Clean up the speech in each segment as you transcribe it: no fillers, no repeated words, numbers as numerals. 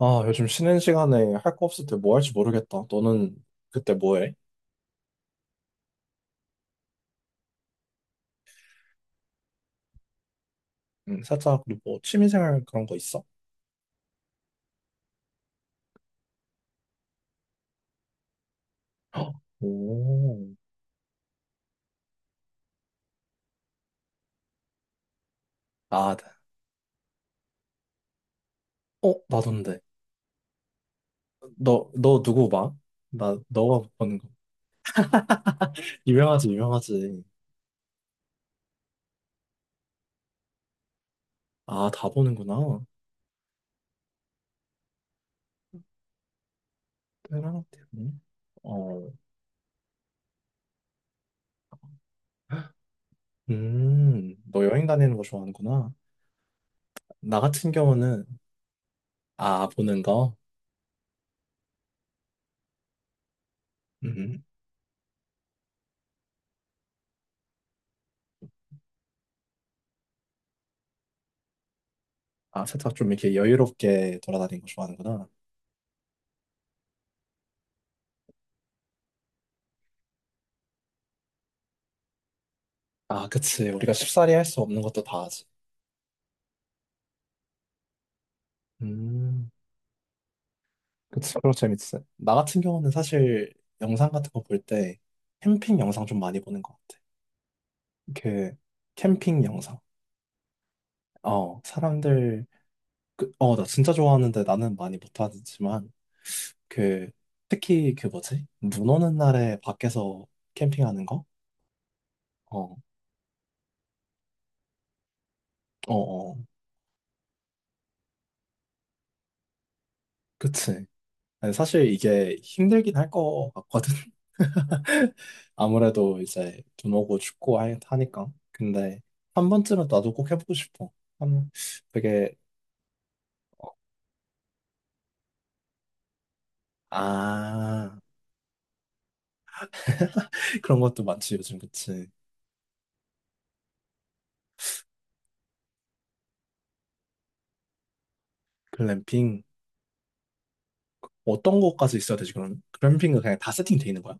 아, 요즘 쉬는 시간에 할 거 없을 때 뭐 할지 모르겠다. 너는 그때 뭐 해? 살짝 뭐 취미생활 그런 거 있어? 헉, 오, 아, 나, 어, 나던데. 너 누구 봐? 나, 너가 못 보는 거. 유명하지, 유명하지. 아, 다 보는구나. 때랑 때랑. 어, 너 여행 다니는 거 좋아하는구나. 나 같은 경우는, 아, 보는 거? 음, 아, 살짝 좀 이렇게 여유롭게 돌아다니는 거 좋아하는구나. 아, 그치. 우리가 쉽사리 할 수 없는 것도 다 하지. 음, 그치. 그럼 재밌지. 나 같은 경우는 사실 영상 같은 거 볼 때 캠핑 영상 좀 많이 보는 것 같아. 이렇게 캠핑 영상. 어, 사람들, 그, 어, 나 진짜 좋아하는데 나는 많이 못하지만, 그, 특히 그 뭐지? 눈 오는 날에 밖에서 캠핑하는 거? 어, 어, 어. 그치. 아니, 사실 이게 힘들긴 할 것 같거든. 아무래도 이제 눈 오고 춥고 하니까. 근데 한 번쯤은 나도 꼭 해보고 싶어. 한, 되게, 아, 그런 것도 많지, 요즘, 그치. 글램핑. 어떤 것까지 있어야 되지, 그럼? 글램핑은 그냥 다 세팅돼 있는 거야?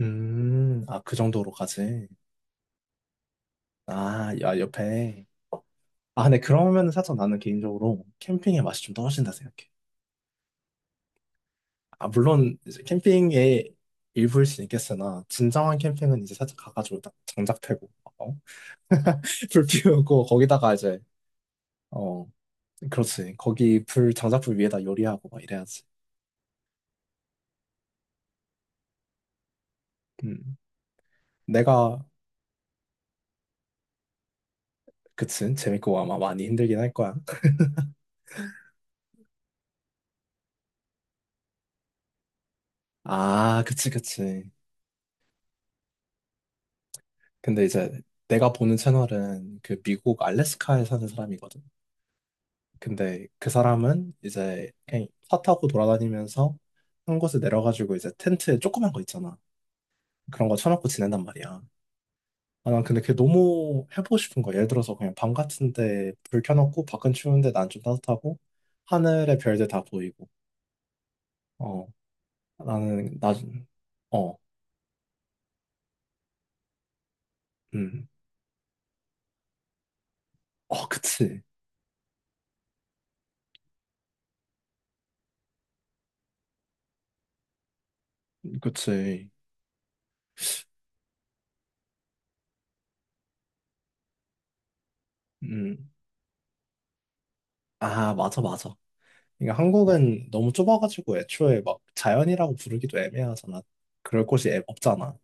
아, 그 정도로까지. 아, 야, 옆에. 아, 근데 그러면은 살짝 나는 개인적으로 캠핑의 맛이 좀 떨어진다 생각해. 아, 물론 이제 캠핑의 일부일 수 있겠으나, 진정한 캠핑은 이제 살짝 가가지고 딱 장작 패고. 불 피우고 거기다가 이제 어 그렇지 거기 불 장작불 위에다 요리하고 막 이래야지. 음. 내가 그치 재밌고 아마 많이 힘들긴 할 거야. 아 그치 그치. 근데 이제 내가 보는 채널은 그 미국 알래스카에 사는 사람이거든. 근데 그 사람은 이제 그냥 차 타고 돌아다니면서 한 곳에 내려가지고 이제 텐트에 조그만 거 있잖아. 그런 거 쳐놓고 지낸단 말이야. 아, 난 근데 그게 너무 해보고 싶은 거야. 예를 들어서 그냥 밤 같은데 불 켜놓고 밖은 추운데 난 좀 따뜻하고 하늘의 별들 다 보이고. 어, 나는 나, 어, 음, 어, 그치, 그치, 음, 아, 맞아, 맞아. 그러니까 한국은 너무 좁아가지고 애초에 막 자연이라고 부르기도 애매하잖아. 그럴 곳이 없잖아.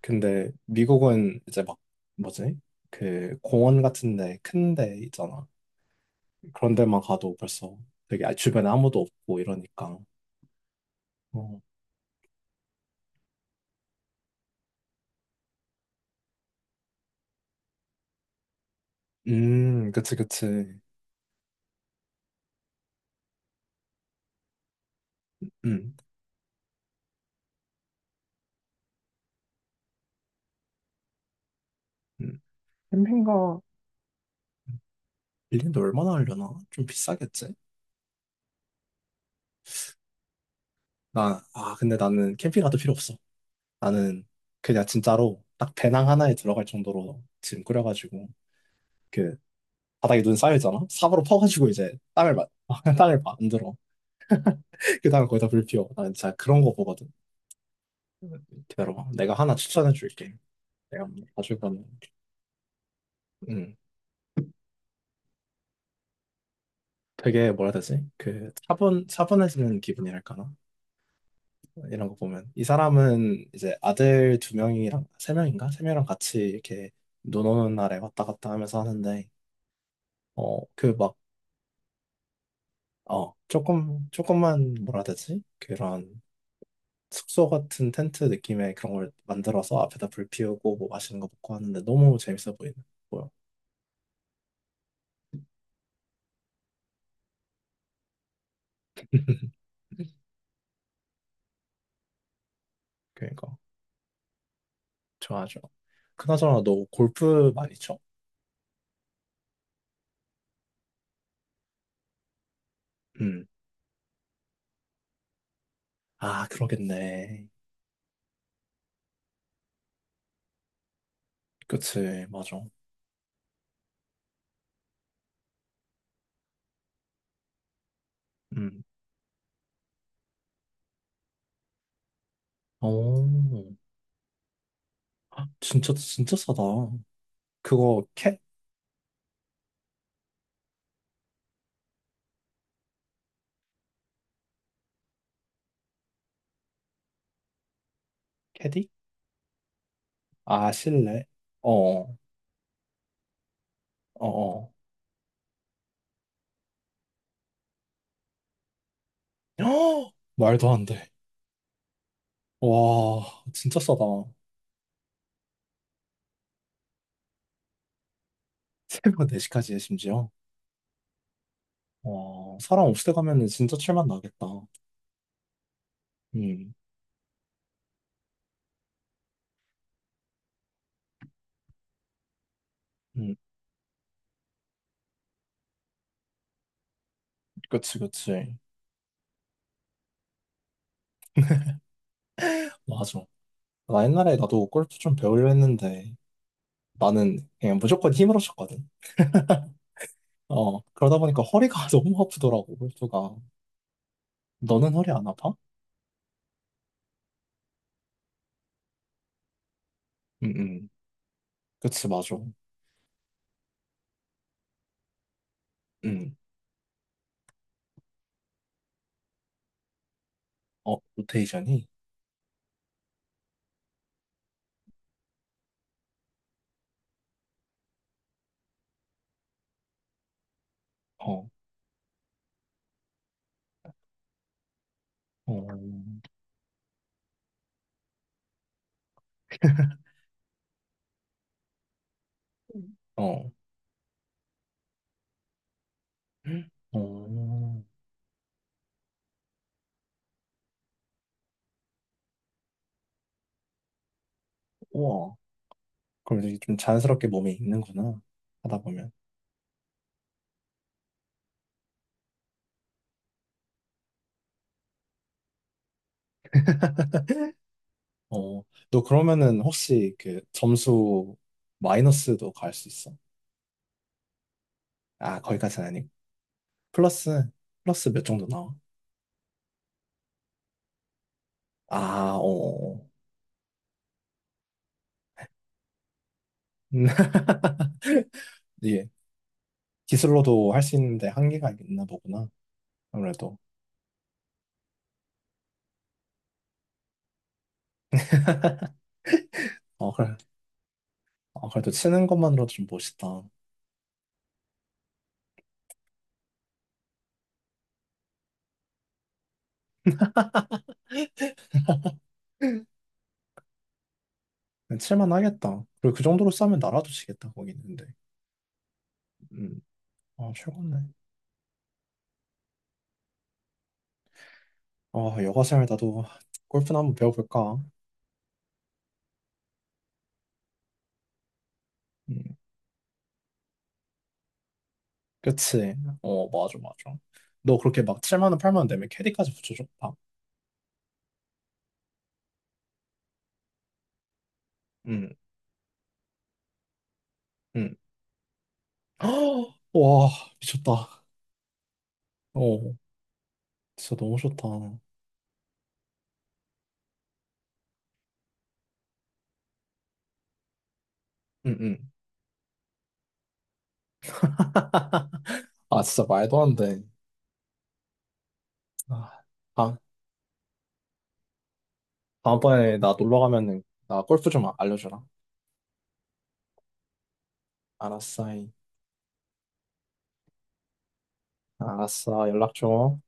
근데 미국은 이제 막 뭐지? 그 공원 같은데 큰데 있잖아. 그런 데만 가도 벌써 되게 주변에 아무도 없고 이러니까. 어. 그치, 그치. 음, 음. 캠핑가 빌리는데 얼마나 하려나? 좀 비싸겠지? 나, 아, 근데 나는 캠핑카도 필요 없어. 나는 그냥 진짜로 딱 배낭 하나에 들어갈 정도로 짐 꾸려가지고 그 바닥에 눈 쌓여있잖아? 삽으로 퍼가지고 이제 땅을 막, 땅을 막 만들어. 그 다음에 거기다 불 피워. 난 진짜 그런 거 보거든. 기다려봐. 내가 하나 추천해 줄게. 내가 가지고 가는. 되게 뭐라 해야 되지? 그 차분 차분해지는 기분이랄까나? 이런 거 보면 이 사람은 이제 아들 두 명이랑 세 명인가? 세 명이랑 같이 이렇게 노노는 날에 왔다 갔다 하면서 하는데 어 그 막 어 조금만 뭐라 해야 되지? 그런 숙소 같은 텐트 느낌의 그런 걸 만들어서 앞에다 불 피우고 뭐 맛있는 거 먹고 하는데 너무 재밌어 보이는 거예요. 그러니까 좋아하죠. 그나저나 너 골프 많이 쳐? 음. 아, 그러겠네. 그치, 맞아. 음. 오, 아, 진짜, 진짜 싸다. 그거, 캐, 캐디? 아, 실내? 어, 어, 어. 헉! 말도 안 돼. 와, 진짜 싸다. 새벽 4시까지 해, 심지어. 와, 사람 없을 때 가면은 진짜 칠맛 나겠다. 음, 음, 그치, 그치. 맞아. 나 옛날에 나도 골프 좀 배우려 했는데, 나는 그냥 무조건 힘으로 쳤거든. 어, 그러다 보니까 허리가 너무 아프더라고, 골프가. 너는 허리 안 아파? 응, 응. 그치, 맞아. 음, 어, 로테이션이, 어, 어, 어, 어, 우와. 그럼 이게 좀 자연스럽게 몸에 있는구나. 하다 보면. 어, 너 그러면은 혹시 그 점수 마이너스도 갈 수 있어? 아, 거기까지는 아니고. 플러스, 플러스 몇 정도 나와? 아, 어, 음, 예. 기술로도 할 수 있는데 한계가 있나 보구나. 아무래도. 어, 그래. 어, 그래도 치는 것만으로도 좀 멋있다. 칠만 하겠다. 그리고 그 정도로 싸면 나라도 지겠다, 거기는. 근데. 음. 아, 최고네. 아, 여가생활 나도 골프나 한번 배워볼까? 음. 그치. 어, 맞아, 맞아. 너 그렇게 막 7만 원, 8만 원 내면 캐디까지 붙여줬다. 응, 응. 와, 미쳤다. 어, 진짜 너무 좋다. 응, 응. 아, 진짜 말도 안 돼. 아, 다, 다음번에 나 놀러 가면은 나 골프 좀 알려주라. 알았어. 알았어. 연락 줘.